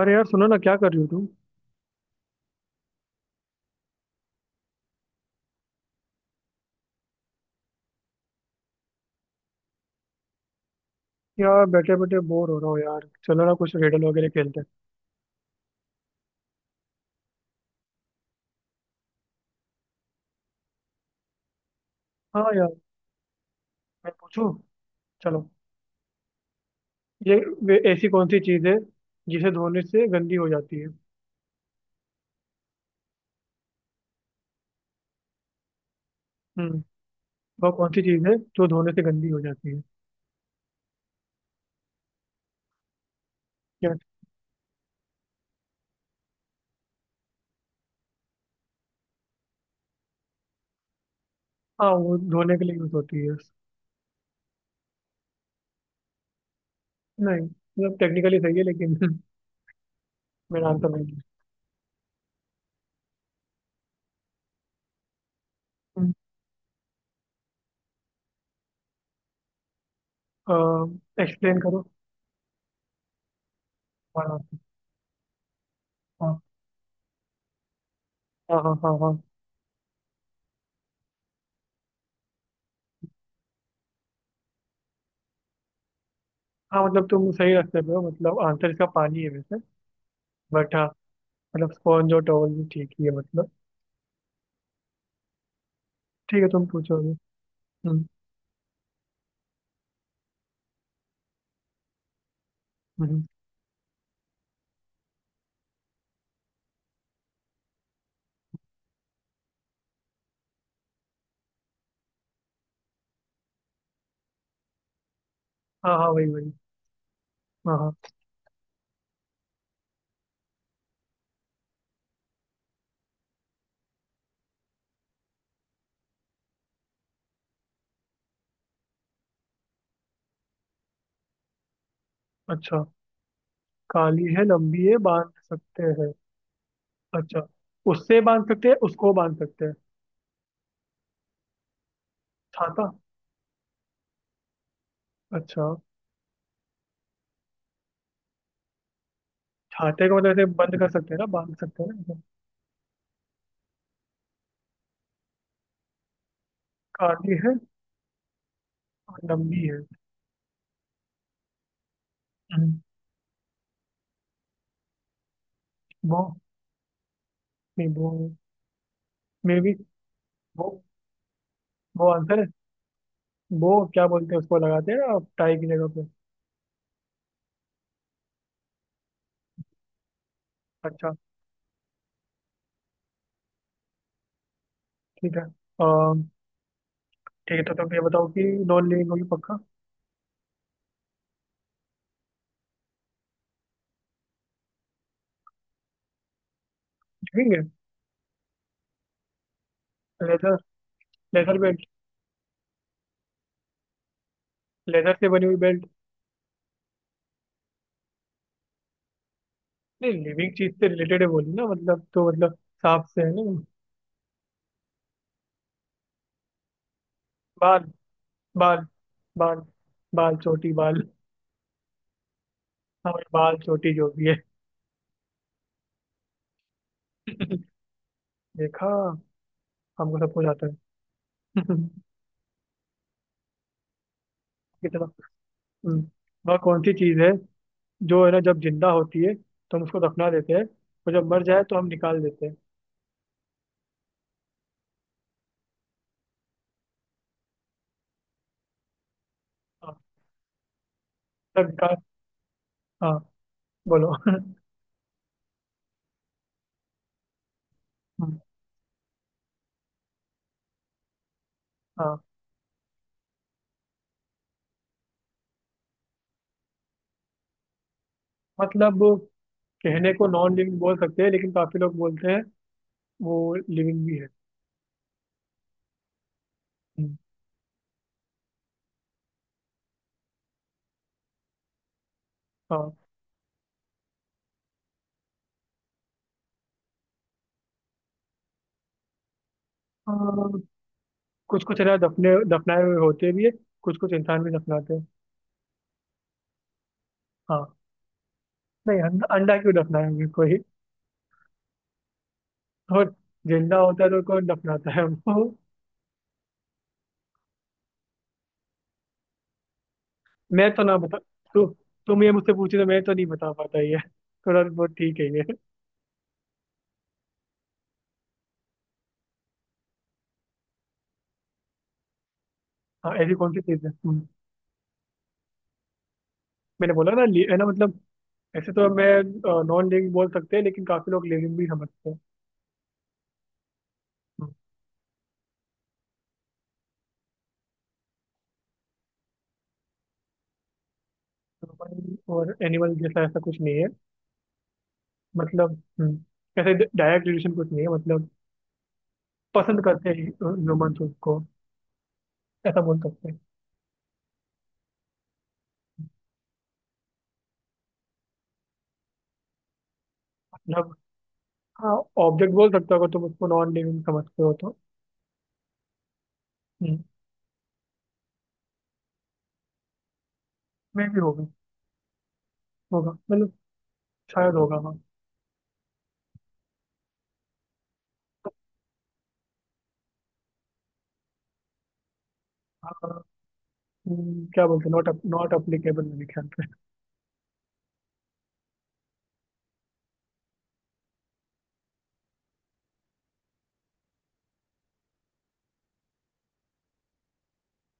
अरे यार सुनो ना, क्या कर रही हो तुम? यार बैठे बैठे बोर हो रहा हूँ यार, चलो ना कुछ रिडल वगैरह खेलते हैं। हाँ यार, मैं पूछूं, चलो। ये वे ऐसी कौन सी चीज़ है जिसे धोने से गंदी हो जाती है? हम्म वो कौन सी चीज़ है जो धोने से गंदी हो जाती है? क्या? हाँ, वो धोने के लिए यूज होती है। नहीं, मतलब टेक्निकली सही है लेकिन मेरा आंसर नहीं है। एक्सप्लेन करो। हाँ, हाँ, हाँ, हाँ। हाँ, हाँ, हाँ, मतलब तुम सही रास्ते पे हो, मतलब आंसर इसका पानी है वैसे, बट हाँ। मतलब स्पॉन्ज और टॉवल भी ठीक ही है मतलब। ठीक है, तुम पूछो अभी। हम्म। हम्म। हाँ हाँ, वही वही। हाँ हाँ, अच्छा। काली है, लंबी है, बांध सकते हैं? अच्छा, उससे बांध सकते हैं, उसको बांध सकते हैं? छाता? अच्छा, छाते को मतलब ऐसे बंद कर सकते हैं ना, बांध सकते हैं ना ऐसे। काली है और लंबी है। हम्म, वो नहीं वो मे भी वो वो आंसर है। वो क्या बोलते हैं, उसको लगाते हैं ना टाई की जगह पे। अच्छा, ठीक है। अम, ठीक है तो तुम ये बताओ कि नॉन लिविंग होगी पक्का? लिविंग है? लेदर? लेदर भी लेदर से बनी हुई बेल्ट? नहीं, लिविंग चीज से रिलेटेड है बोली ना, मतलब तो मतलब सांप से है ना? बाल बाल बाल बाल चोटी बाल? हाँ भाई, बाल चोटी जो भी है। देखा, हमको सब कुछ आता है। कितना। हम्म, वह कौन सी चीज है जो है ना जब जिंदा होती है तो हम उसको दफना देते हैं, और जब मर जाए तो हम निकाल देते हैं? हाँ, मतलब निकाल। हाँ, बोलो। हम्म, हाँ, मतलब कहने को नॉन लिविंग बोल सकते हैं लेकिन काफी लोग बोलते हैं वो लिविंग भी है। हम्म, हाँ, कुछ कुछ अनाज दफने दफनाए हुए होते भी है, कुछ कुछ इंसान भी दफनाते हैं। हाँ। नहीं, अंडा अंडा क्यों दफनाएंगे कोई? और जिंदा होता है तो कौन दफनाता है वो? मैं तो ना बता। तु, तुम ये मुझसे पूछे तो मैं तो नहीं बता पाता ये। थोड़ा बहुत ठीक है ये। हाँ, ऐसी कौन सी चीज है? मैंने बोला ना, है ना मतलब, ऐसे तो मैं नॉन लिविंग बोल सकते हैं लेकिन काफी लोग लिविंग भी समझते हैं। हम्म, ह्यूमन और एनिमल जैसा ऐसा कुछ नहीं है। मतलब ऐसे डायरेक्ट रिलेशन कुछ नहीं है मतलब। पसंद करते हैं ह्यूमन उसको, ऐसा बोल सकते हैं। मतलब हाँ, ऑब्जेक्ट बोल सकते हो अगर तुम उसको नॉन लिविंग समझते हो तो। मे भी होगा। होगा मतलब, शायद होगा हाँ। हाँ, क्या बोलते हैं, नॉट नॉट अप्लीकेबल मेरे ख्याल से।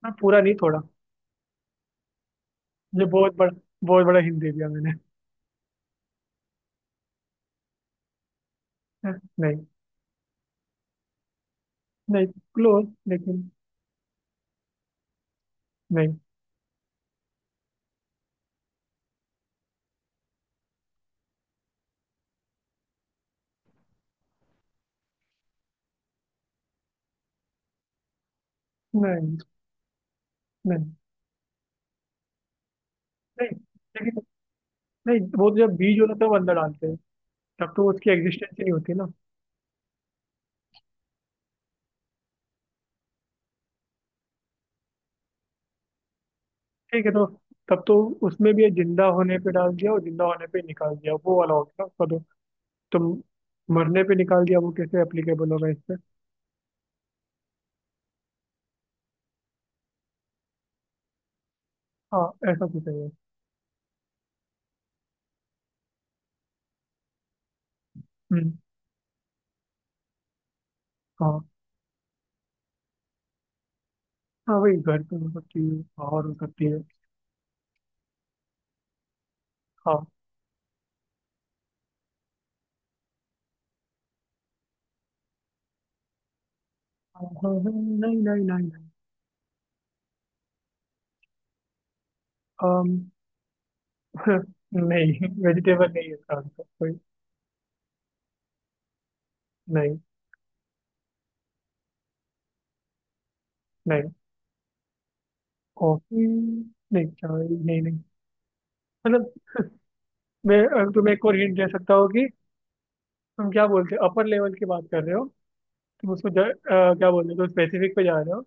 मैं पूरा नहीं, थोड़ा। ये बहुत बड़ा हिंट दे दिया मैंने। हाँ, नहीं। नहीं, क्लोज लेकिन। नहीं नहीं नहीं नहीं लेकिन नहीं, वो तो जब बीज होता है तब अंदर डालते हैं, तब तो उसकी एग्जिस्टेंस ही नहीं होती ना। ठीक है, तो तब तो उसमें भी ये जिंदा होने पे डाल दिया और जिंदा होने पे निकाल दिया वो वाला हो गया उसका तो। तुम मरने पे निकाल दिया वो कैसे एप्लीकेबल होगा इस पे? हाँ, ऐसा कुछ है ये। हम्म। हाँ, हाँ वही घर पे हो सकती है, बाहर हो सकती है। हाँ। हाँ, हाँ, हाँ, नहीं नहीं, नहीं नहीं। अम, नहीं, वेजिटेबल नहीं है इसका आंसर कोई। नहीं। नहीं, कॉफी नहीं। चाय नहीं, नहीं, मतलब। मैं अगर तुम्हें एक और हिंट दे सकता हूँ कि तुम क्या बोलते हो, अपर लेवल की बात कर रहे हो। तुम उसको क्या बोल रहे हो, तुम स्पेसिफिक पे जा रहे हो।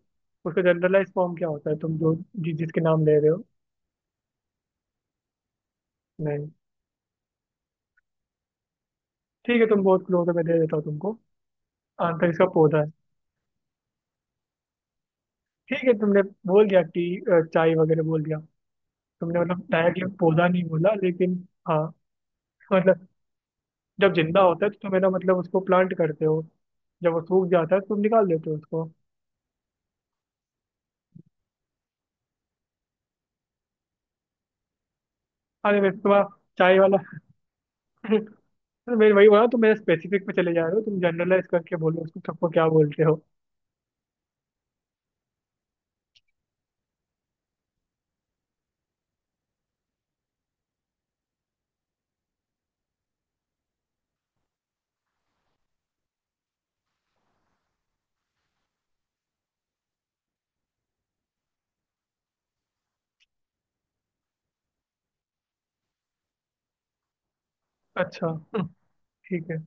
उसका जनरलाइज फॉर्म क्या होता है तुम जो जिसके नाम ले रहे हो? नहीं। ठीक है, तुम बहुत क्लोज हो, मैं दे देता हूँ तुमको। आंसर इसका पौधा है। ठीक है, तुमने बोल दिया चाय वगैरह बोल दिया, तुमने मतलब डायरेक्टली पौधा नहीं बोला लेकिन। हाँ, मतलब जब जिंदा होता है तो तुम है ना मतलब उसको प्लांट करते हो, जब वो सूख जाता है तो तुम निकाल देते हो उसको। अरे वैसे तुम्हारा चाय वाला। अरे, मैं वही बोला, तुम मेरे स्पेसिफिक पे चले जा रहे हो, तुम जनरलाइज करके बोलो उसको, सबको क्या बोलते हो। अच्छा, ठीक है।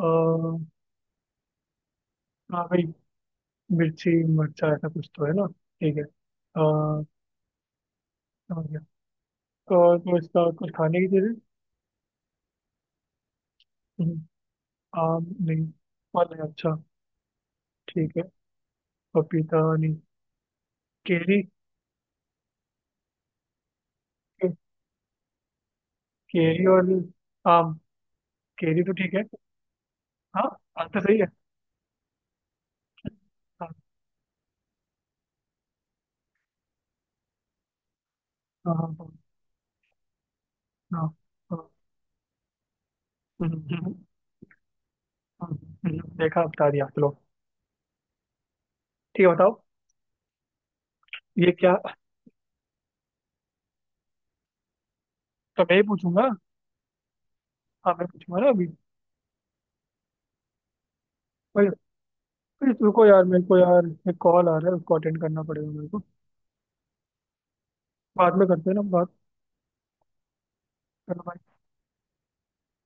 अ, हाँ भाई, मिर्ची मरचा ऐसा कुछ तो है ना। ठीक है समझ गया। और वो इसका कुछ खाने की चीजें। हम्म, आम नहीं? फल है, अच्छा। ठीक है, पपीता नहीं, केरी? के- केरी और आम, केरी तो ठीक है। हाँ, बात तो सही है। हाँ, हाँ, हाँ, हाँ। हाँ, हाँ, हम्म, हम्म, हम्म, हम्म, देखा बता दिया चलो। ठीक है, बताओ। ये क्या, तो मैं ही पूछूंगा? हाँ, मैं पूछूंगा ना अभी। भाई, भाई रुको यार, मेरे को यार एक कॉल आ रहा है, उसको अटेंड करना पड़ेगा मेरे को। बाद में करते हैं ना। बात।